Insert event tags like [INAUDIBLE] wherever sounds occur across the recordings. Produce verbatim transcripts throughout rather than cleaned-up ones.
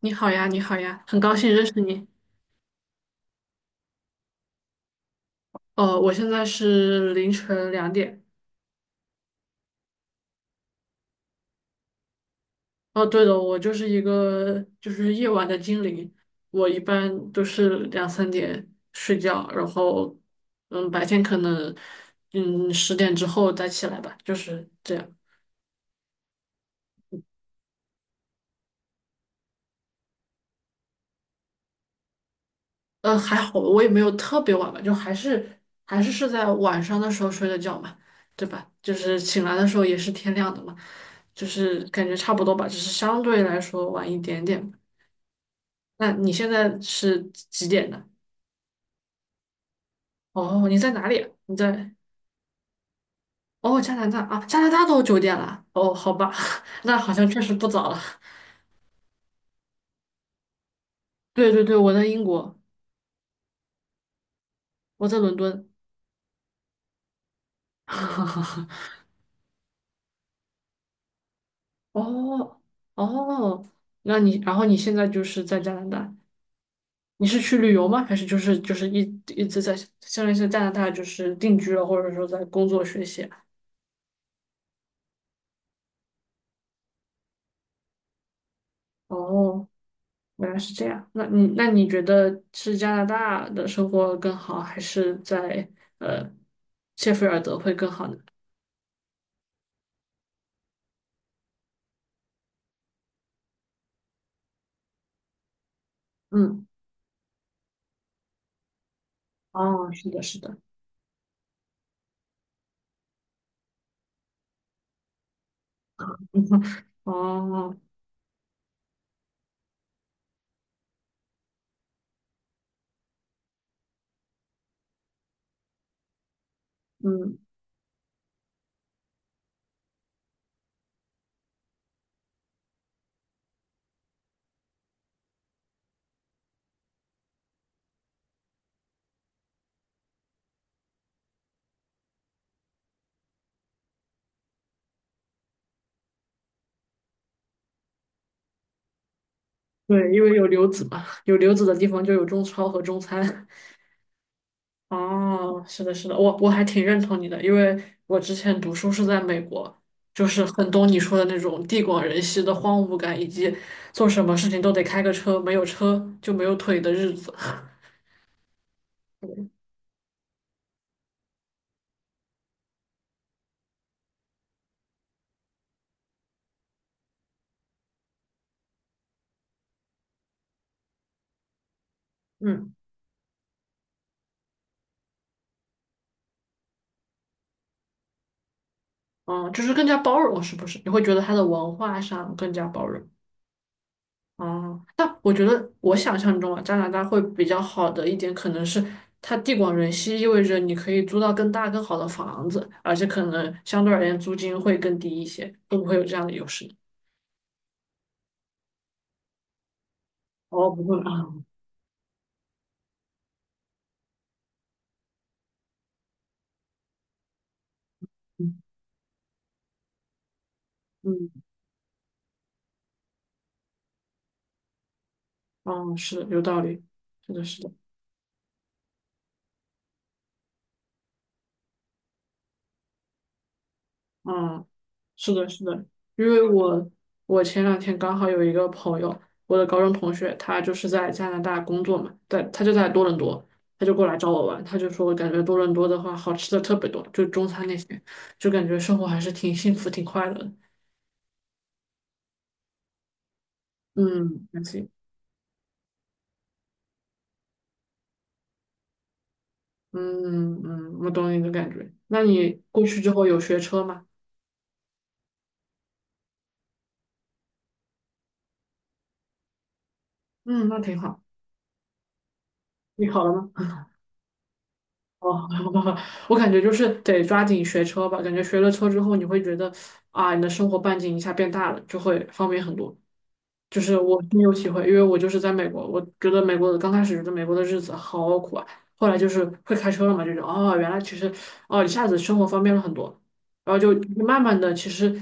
你好呀，你好呀，很高兴认识你。哦，我现在是凌晨两点。哦，对了，我就是一个就是夜晚的精灵，我一般都是两三点睡觉，然后嗯，白天可能嗯十点之后再起来吧，就是这样。嗯，还好，我也没有特别晚吧，就还是还是是在晚上的时候睡的觉嘛，对吧？就是醒来的时候也是天亮的嘛，就是感觉差不多吧，只是相对来说晚一点点。那你现在是几点的？哦，你在哪里啊你在哦加拿大啊？加拿大都九点了。哦，好吧，[LAUGHS] 那好像确实不早了。对对对，我在英国，我在伦敦。[LAUGHS] 哦哦，那你然后你现在就是在加拿大，你是去旅游吗？还是就是就是一一直在相当于是加拿大就是定居了，或者说在工作学习啊哦。原来是这样。那你那你觉得是加拿大的生活更好，还是在呃谢菲尔德会更好呢？嗯，哦，是的，是的，[LAUGHS] 哦，嗯，对，因为有留子嘛，有留子的地方就有中超和中餐。哦，是的，是的，我我还挺认同你的，因为我之前读书是在美国，就是很懂你说的那种地广人稀的荒芜感，以及做什么事情都得开个车，没有车就没有腿的日子。[LAUGHS] 嗯。嗯，就是更加包容，是不是？你会觉得它的文化上更加包容。哦、但我觉得我想象中啊，加拿大会比较好的一点，可能是它地广人稀，意味着你可以租到更大更好的房子，而且可能相对而言租金会更低一些，会不会有这样的优势？哦，不会啊，嗯嗯，哦，是的，有道理，是的，是的。嗯，是的，是的，因为我我前两天刚好有一个朋友，我的高中同学，他就是在加拿大工作嘛，在他就在多伦多，他就过来找我玩，他就说感觉多伦多的话好吃的特别多，就中餐那些，就感觉生活还是挺幸福、挺快乐的。嗯，还行，嗯嗯，我懂你的感觉。那你过去之后有学车吗？嗯，那挺好。你考了吗？哦，[LAUGHS] 我感觉就是得抓紧学车吧，感觉学了车之后，你会觉得啊，你的生活半径一下变大了，就会方便很多。就是我深有体会，因为我就是在美国，我觉得美国的刚开始觉得美国的日子好苦啊，后来就是会开车了嘛，这种得哦，原来其实哦，一下子生活方便了很多，然后就慢慢的其实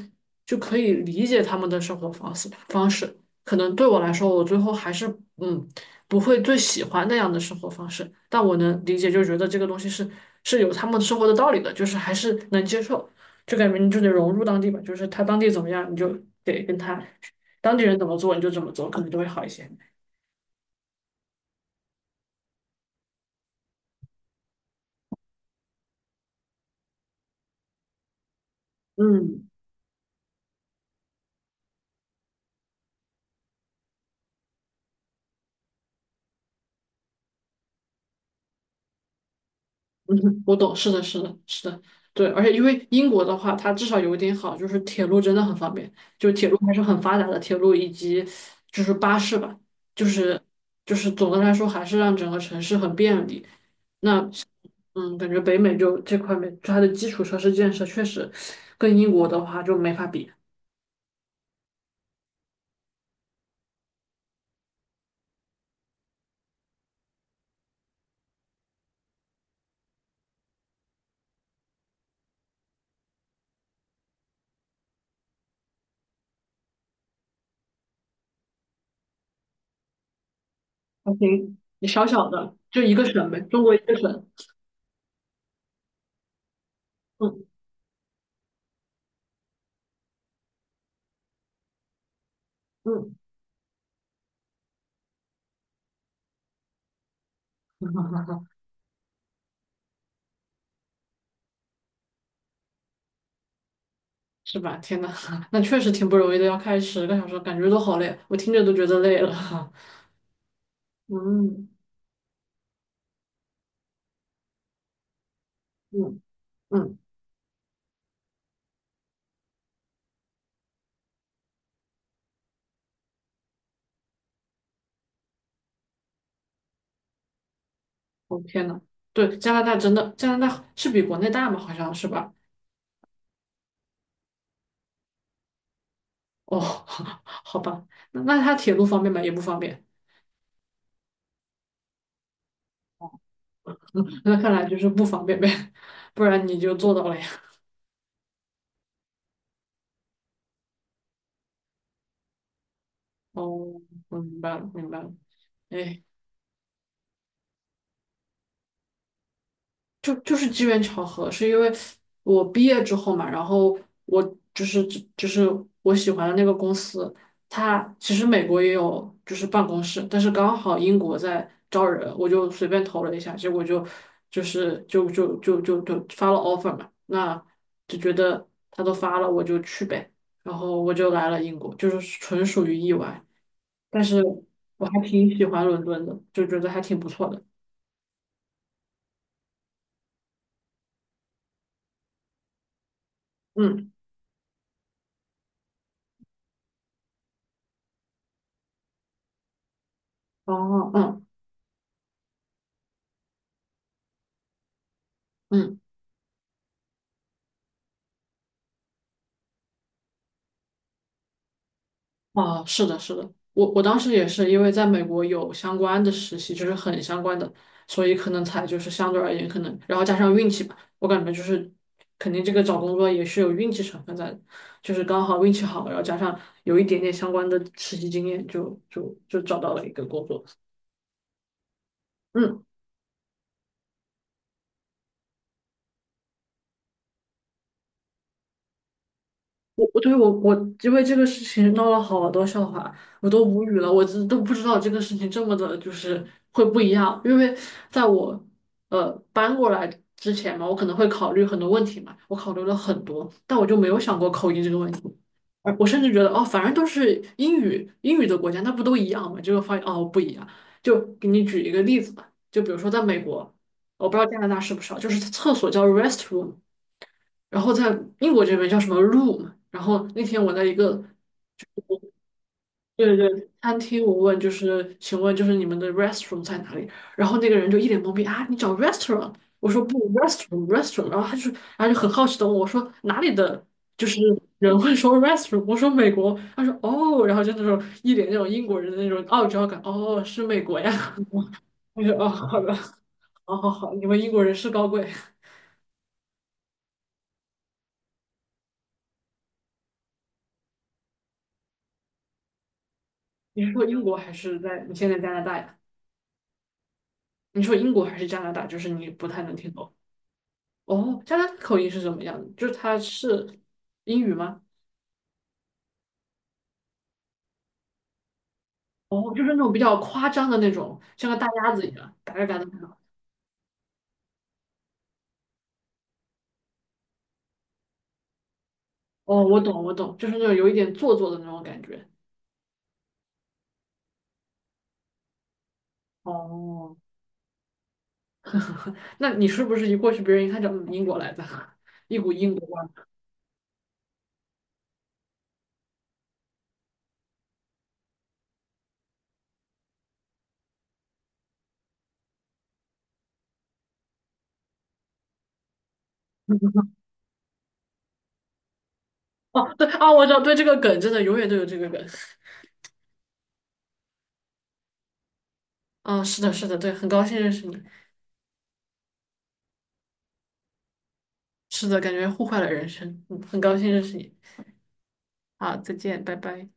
就可以理解他们的生活方式方式。可能对我来说，我最后还是嗯不会最喜欢那样的生活方式，但我能理解，就觉得这个东西是是有他们生活的道理的，就是还是能接受，就感觉你就得融入当地吧，就是他当地怎么样，你就得跟他。当地人怎么做你就怎么做，可能就会好一些。嗯嗯 [LAUGHS] 我懂，是的，是的，是的，对，而且因为英国的话，它至少有一点好，就是铁路真的很方便，就铁路还是很发达的，铁路以及就是巴士吧，就是就是总的来说还是让整个城市很便利。那嗯，感觉北美就这块面，就它的基础设施建设确实跟英国的话就没法比，还行，你小小的就一个省呗，中国一个省，嗯。嗯，[LAUGHS] 是吧？天呐，[LAUGHS] 那确实挺不容易的，要开十个小时，感觉都好累，我听着都觉得累了。[LAUGHS] 嗯嗯嗯，我、天呐，对，加拿大真的，加拿大是比国内大吗？好像是吧？哦，[LAUGHS] 好吧，那那它铁路方便吗？也不方便，[LAUGHS] 那看来就是不方便呗，[LAUGHS] 不然你就做到了呀。哦，我明白了，明白了。哎，就就是机缘巧合，是因为我毕业之后嘛，然后我就是就是我喜欢的那个公司，它其实美国也有就是办公室，但是刚好英国在招人，我就随便投了一下，结果就就是就就就就就发了 offer 嘛，那就觉得他都发了，我就去呗，然后我就来了英国，就是纯属于意外，但是我还挺喜欢伦敦的，就觉得还挺不错的，嗯，哦，嗯嗯。啊，是的，是的，我我当时也是因为在美国有相关的实习，就是很相关的，所以可能才就是相对而言可能，然后加上运气吧，我感觉就是肯定这个找工作也是有运气成分在的，就是刚好运气好，然后加上有一点点相关的实习经验就，就就找到了一个工作。嗯，我我对我我因为这个事情闹了好多笑话，我都无语了，我真都不知道这个事情这么的，就是会不一样。因为在我呃搬过来之前嘛，我可能会考虑很多问题嘛，我考虑了很多，但我就没有想过口音这个问题。而我甚至觉得哦，反正都是英语英语的国家，那不都一样吗？结果发现哦不一样。就给你举一个例子吧，就比如说在美国，我不知道加拿大是不是啊，就是厕所叫 restroom。然后在英国这边叫什么 room，然后那天我在一个对对对餐厅，我问就是请问就是你们的 r e s t a u r a n t 在哪里？然后那个人就一脸懵逼啊，你找 restaurant？我说不 r e s t a u r a n t r e s t a u r a n t 然后他就然后就很好奇的问我说哪里的就是人会说 r e s t a u r a n t 我说美国，他说哦，然后就那种一脸那种英国人的那种傲娇感，哦是美国呀，[LAUGHS] 我说哦好的，好好好，你们英国人是高贵，你是说英国还是在你现在加拿大呀？你说英国还是加拿大？就是你不太能听懂。哦，加拿大口音是什么样的？就是它是英语吗？哦，就是那种比较夸张的那种，像个大鸭子一样，嘎嘎嘎的那种。哦，我懂，我懂，就是那种有一点做作的那种感觉。哦，那你是不是一过去，别人一看就嗯英国来的，[LAUGHS] 一股英国味儿？哦，对啊，我知道，对这个梗真的永远都有这个梗。嗯，是的，是的，对，很高兴认识你。是的，感觉互换了人生。嗯，很高兴认识你。好，再见，拜拜。